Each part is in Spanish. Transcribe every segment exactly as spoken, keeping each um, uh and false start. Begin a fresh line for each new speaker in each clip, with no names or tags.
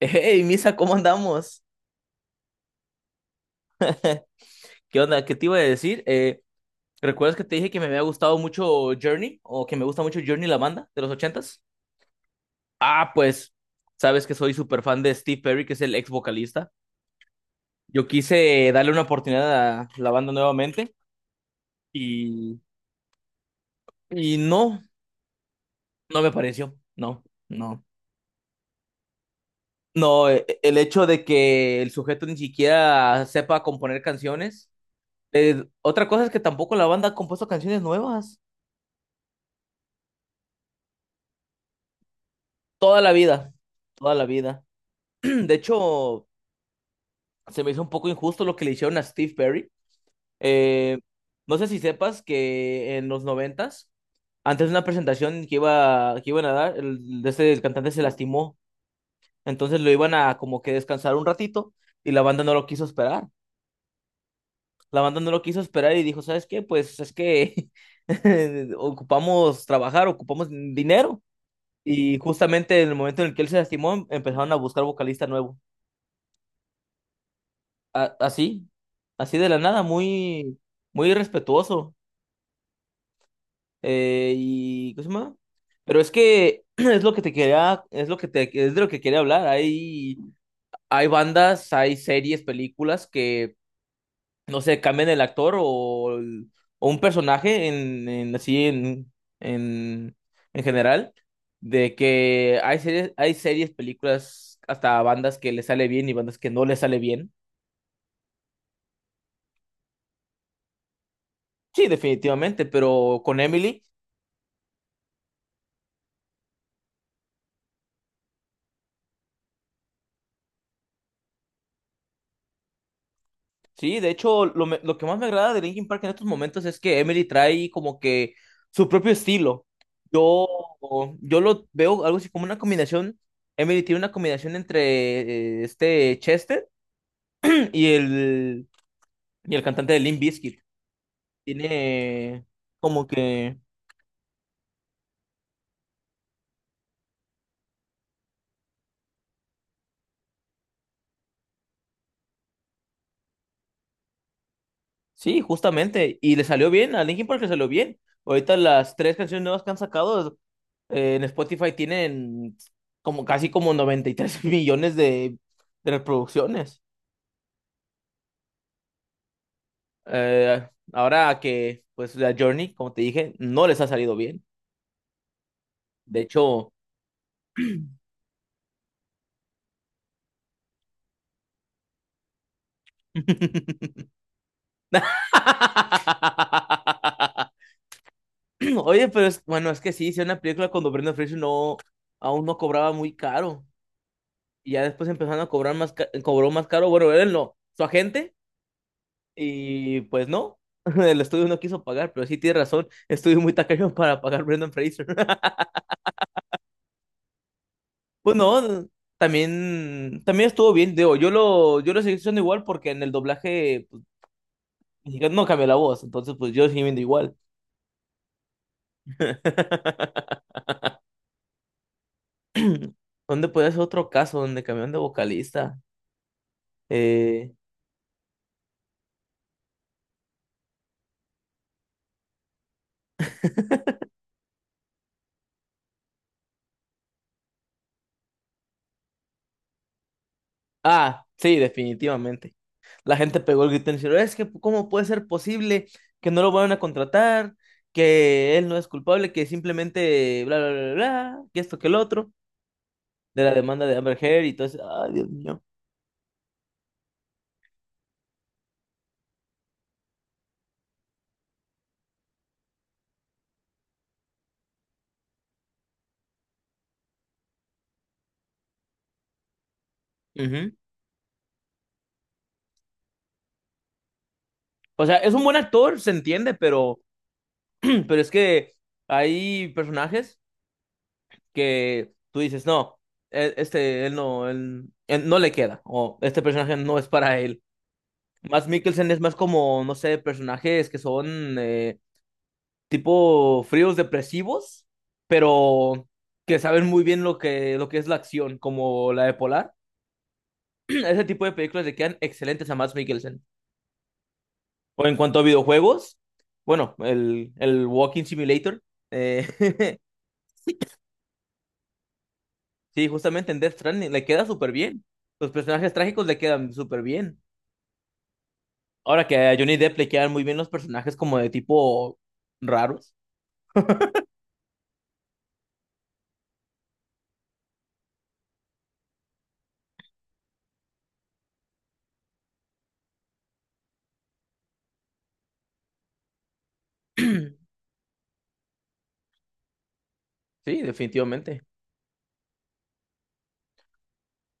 Hey, Misa, ¿cómo andamos? ¿Qué onda? ¿Qué te iba a decir? Eh, ¿recuerdas que te dije que me había gustado mucho Journey? ¿O que me gusta mucho Journey, la banda de los ochentas? Ah, pues, sabes que soy súper fan de Steve Perry, que es el ex vocalista. Yo quise darle una oportunidad a la banda nuevamente y, y no, no me pareció. No, no. No, eh, el hecho de que el sujeto ni siquiera sepa componer canciones. Eh, otra cosa es que tampoco la banda ha compuesto canciones nuevas. Toda la vida, toda la vida. De hecho, se me hizo un poco injusto lo que le hicieron a Steve Perry. Eh, no sé si sepas que en los noventas, antes de una presentación que iba, que iban a dar, el, de este, el cantante se lastimó. Entonces lo iban a como que descansar un ratito y la banda no lo quiso esperar. La banda no lo quiso esperar y dijo, ¿sabes qué? Pues es que ocupamos trabajar, ocupamos dinero. Y justamente en el momento en el que él se lastimó, empezaron a buscar vocalista nuevo. A- así, así de la nada, muy, muy irrespetuoso. Eh, y, ¿cómo se llama? Pero es que es lo que te quería, es lo que te, es de lo que quería hablar. Hay, hay bandas, hay series, películas que, no sé, cambian el actor o, el- o un personaje en, en- así en, en, en general. De que hay series, hay series, películas, hasta bandas que le sale bien y bandas que no le sale bien. Sí, definitivamente, pero con Emily. Sí, de hecho, lo, me- lo que más me agrada de Linkin Park en estos momentos es que Emily trae como que su propio estilo. Yo, yo lo veo algo así como una combinación. Emily tiene una combinación entre eh, este Chester y el, y el cantante de Limp Bizkit. Tiene como que. Sí, justamente. Y le salió bien, a Linkin Park le salió bien. Ahorita las tres canciones nuevas que han sacado eh, en Spotify tienen como casi como noventa y tres millones de de reproducciones. Eh, ahora que, pues, la Journey, como te dije, no les ha salido bien. De hecho. Oye, pero es, bueno, es que sí, hice una película cuando Brendan Fraser no, aún no cobraba muy caro. Y ya después empezaron a cobrar más, ca- cobró más caro. Bueno, él no, su agente. Y pues no, el estudio no quiso pagar, pero sí tiene razón. Estudio muy tacaño para pagar Brendan Fraser. Bueno, también, también estuvo bien, digo, yo lo, yo lo seguí escuchando igual porque en el doblaje pues, mexicano no cambió la voz, entonces pues yo sigo viendo igual. ¿Dónde puede ser otro caso donde cambiaron de vocalista? Eh, ah, sí, definitivamente. La gente pegó el grito en el cielo, es que ¿cómo puede ser posible que no lo vayan a contratar? Que él no es culpable, que simplemente bla, bla, bla, bla, que esto, que el otro, de la demanda de Amber Heard y todo eso. Ay, Dios mío. Ujú. O sea, es un buen actor, se entiende, pero, pero es que hay personajes que tú dices, no, e- este, él no, él, él no le queda, o este personaje no es para él. Más Mikkelsen es más como, no sé, personajes que son eh, tipo fríos depresivos, pero que saben muy bien lo que, lo que es la acción, como la de Polar. Ese tipo de películas le quedan excelentes a Mads Mikkelsen. O en cuanto a videojuegos, bueno, el, el Walking Simulator. Eh, Sí, justamente en Death Stranding le queda súper bien. Los personajes trágicos le quedan súper bien. Ahora que a Johnny Depp le quedan muy bien los personajes como de tipo raros. Sí, definitivamente.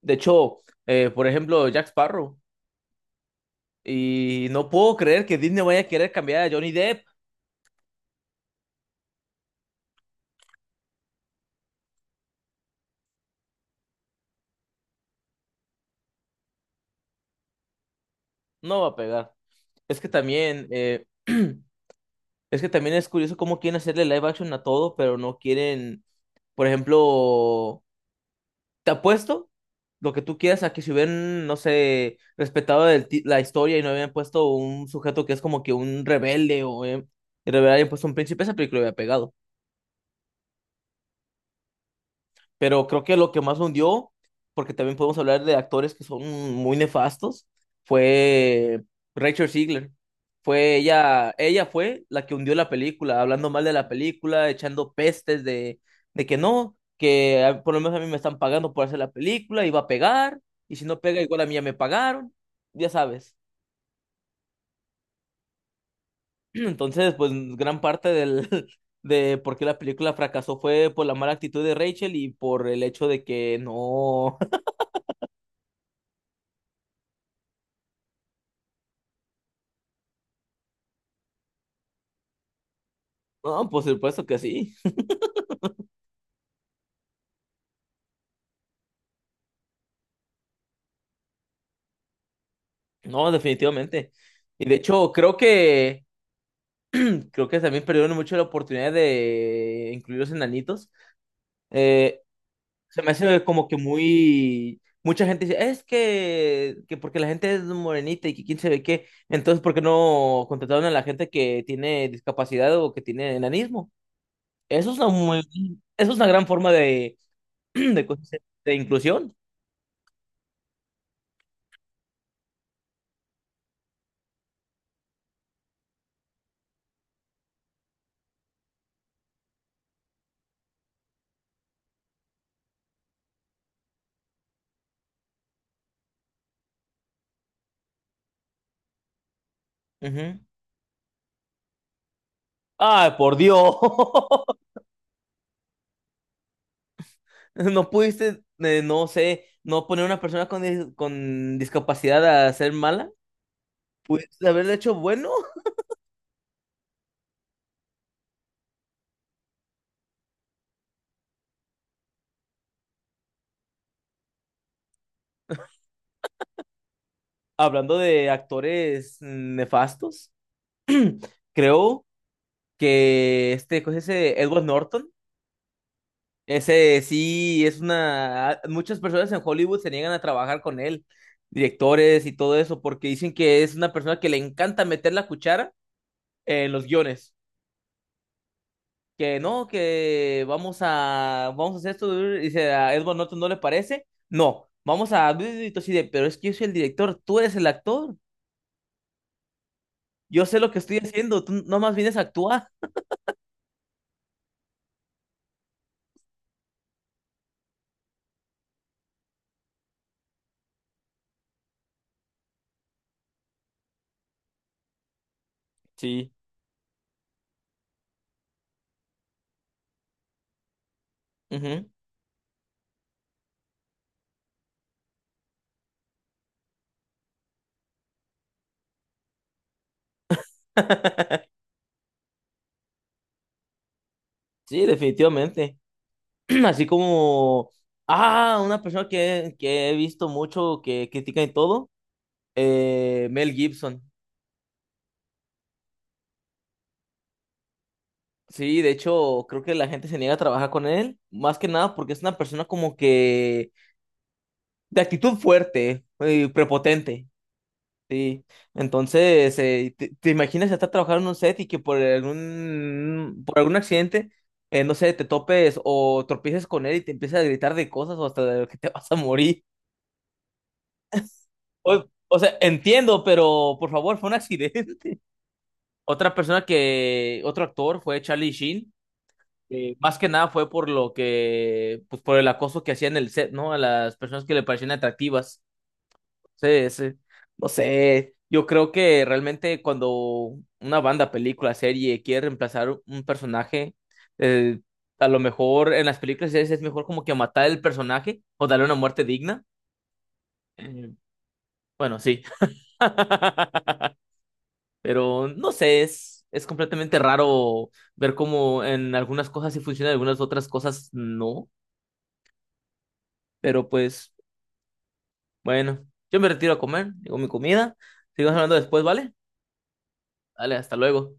De hecho, eh, por ejemplo, Jack Sparrow. Y no puedo creer que Disney vaya a querer cambiar a Johnny Depp. No va a pegar. Es que también, eh, es que también es curioso cómo quieren hacerle live action a todo, pero no quieren, por ejemplo, te apuesto lo que tú quieras a que si hubieran, no sé, respetado el ti- la historia y no habían puesto un sujeto que es como que un rebelde o eh, y le hubieran puesto un príncipe, esa película hubiera pegado. Pero creo que lo que más hundió, porque también podemos hablar de actores que son muy nefastos, fue Rachel Ziegler. Fue ella, ella fue la que hundió la película, hablando mal de la película, echando pestes de, de que no, que a- por lo menos a mí me están pagando por hacer la película, iba a pegar, y si no pega, igual a mí ya me pagaron, ya sabes. Entonces, pues gran parte del, de por qué la película fracasó fue por la mala actitud de Rachel y por el hecho de que no. No, por supuesto que sí. No, definitivamente. Y de hecho, creo que creo que también perdieron mucho la oportunidad de incluir los enanitos. Eh, se me hace como que muy mucha gente dice, es que, que porque la gente es morenita y que quién sabe qué, entonces ¿por qué no contrataron a la gente que tiene discapacidad o que tiene enanismo? Eso es una muy, eso es una gran forma de de, cosas- de inclusión. Ujú. Ay, por Dios. No pudiste, eh, no sé, no poner a una persona con, dis- con discapacidad a ser mala. Pudiste haberle hecho bueno. Hablando de actores mm, nefastos, creo que este, ¿cómo se dice? Edward Norton, ese sí es una. Muchas personas en Hollywood se niegan a trabajar con él, directores y todo eso, porque dicen que es una persona que le encanta meter la cuchara en los guiones. Que no, que vamos a, vamos a hacer esto, y dice a Edward Norton, ¿no le parece? No, vamos a, y tú así de, pero es que yo soy el director, tú eres el actor, yo sé lo que estoy haciendo, tú nomás vienes a actuar. Sí, ujú. Sí, definitivamente. Así como, ah, una persona que, que he visto mucho, que critica y todo, eh, Mel Gibson. Sí, de hecho, creo que la gente se niega a trabajar con él, más que nada porque es una persona como que de actitud fuerte eh, y prepotente. Sí. Entonces, eh, te, te imaginas estar trabajando en un set y que por algún, por algún accidente, eh, no sé, te topes o tropieces con él y te empieza a gritar de cosas o hasta de que te vas a morir. O, o sea, entiendo, pero por favor, fue un accidente. Otra persona que, otro actor fue Charlie Sheen. Que más que nada fue por lo que, pues por el acoso que hacía en el set, ¿no? A las personas que le parecían atractivas. Sí, sí. No sé, yo creo que realmente cuando una banda, película, serie quiere reemplazar un personaje, eh, a lo mejor en las películas y series es mejor como que matar el personaje o darle una muerte digna. Eh, bueno, sí. Pero no sé, es, es completamente raro ver cómo en algunas cosas sí funciona, en algunas otras cosas no. Pero pues, bueno, yo me retiro a comer, digo mi comida. Sigamos hablando después, ¿vale? Dale, hasta luego.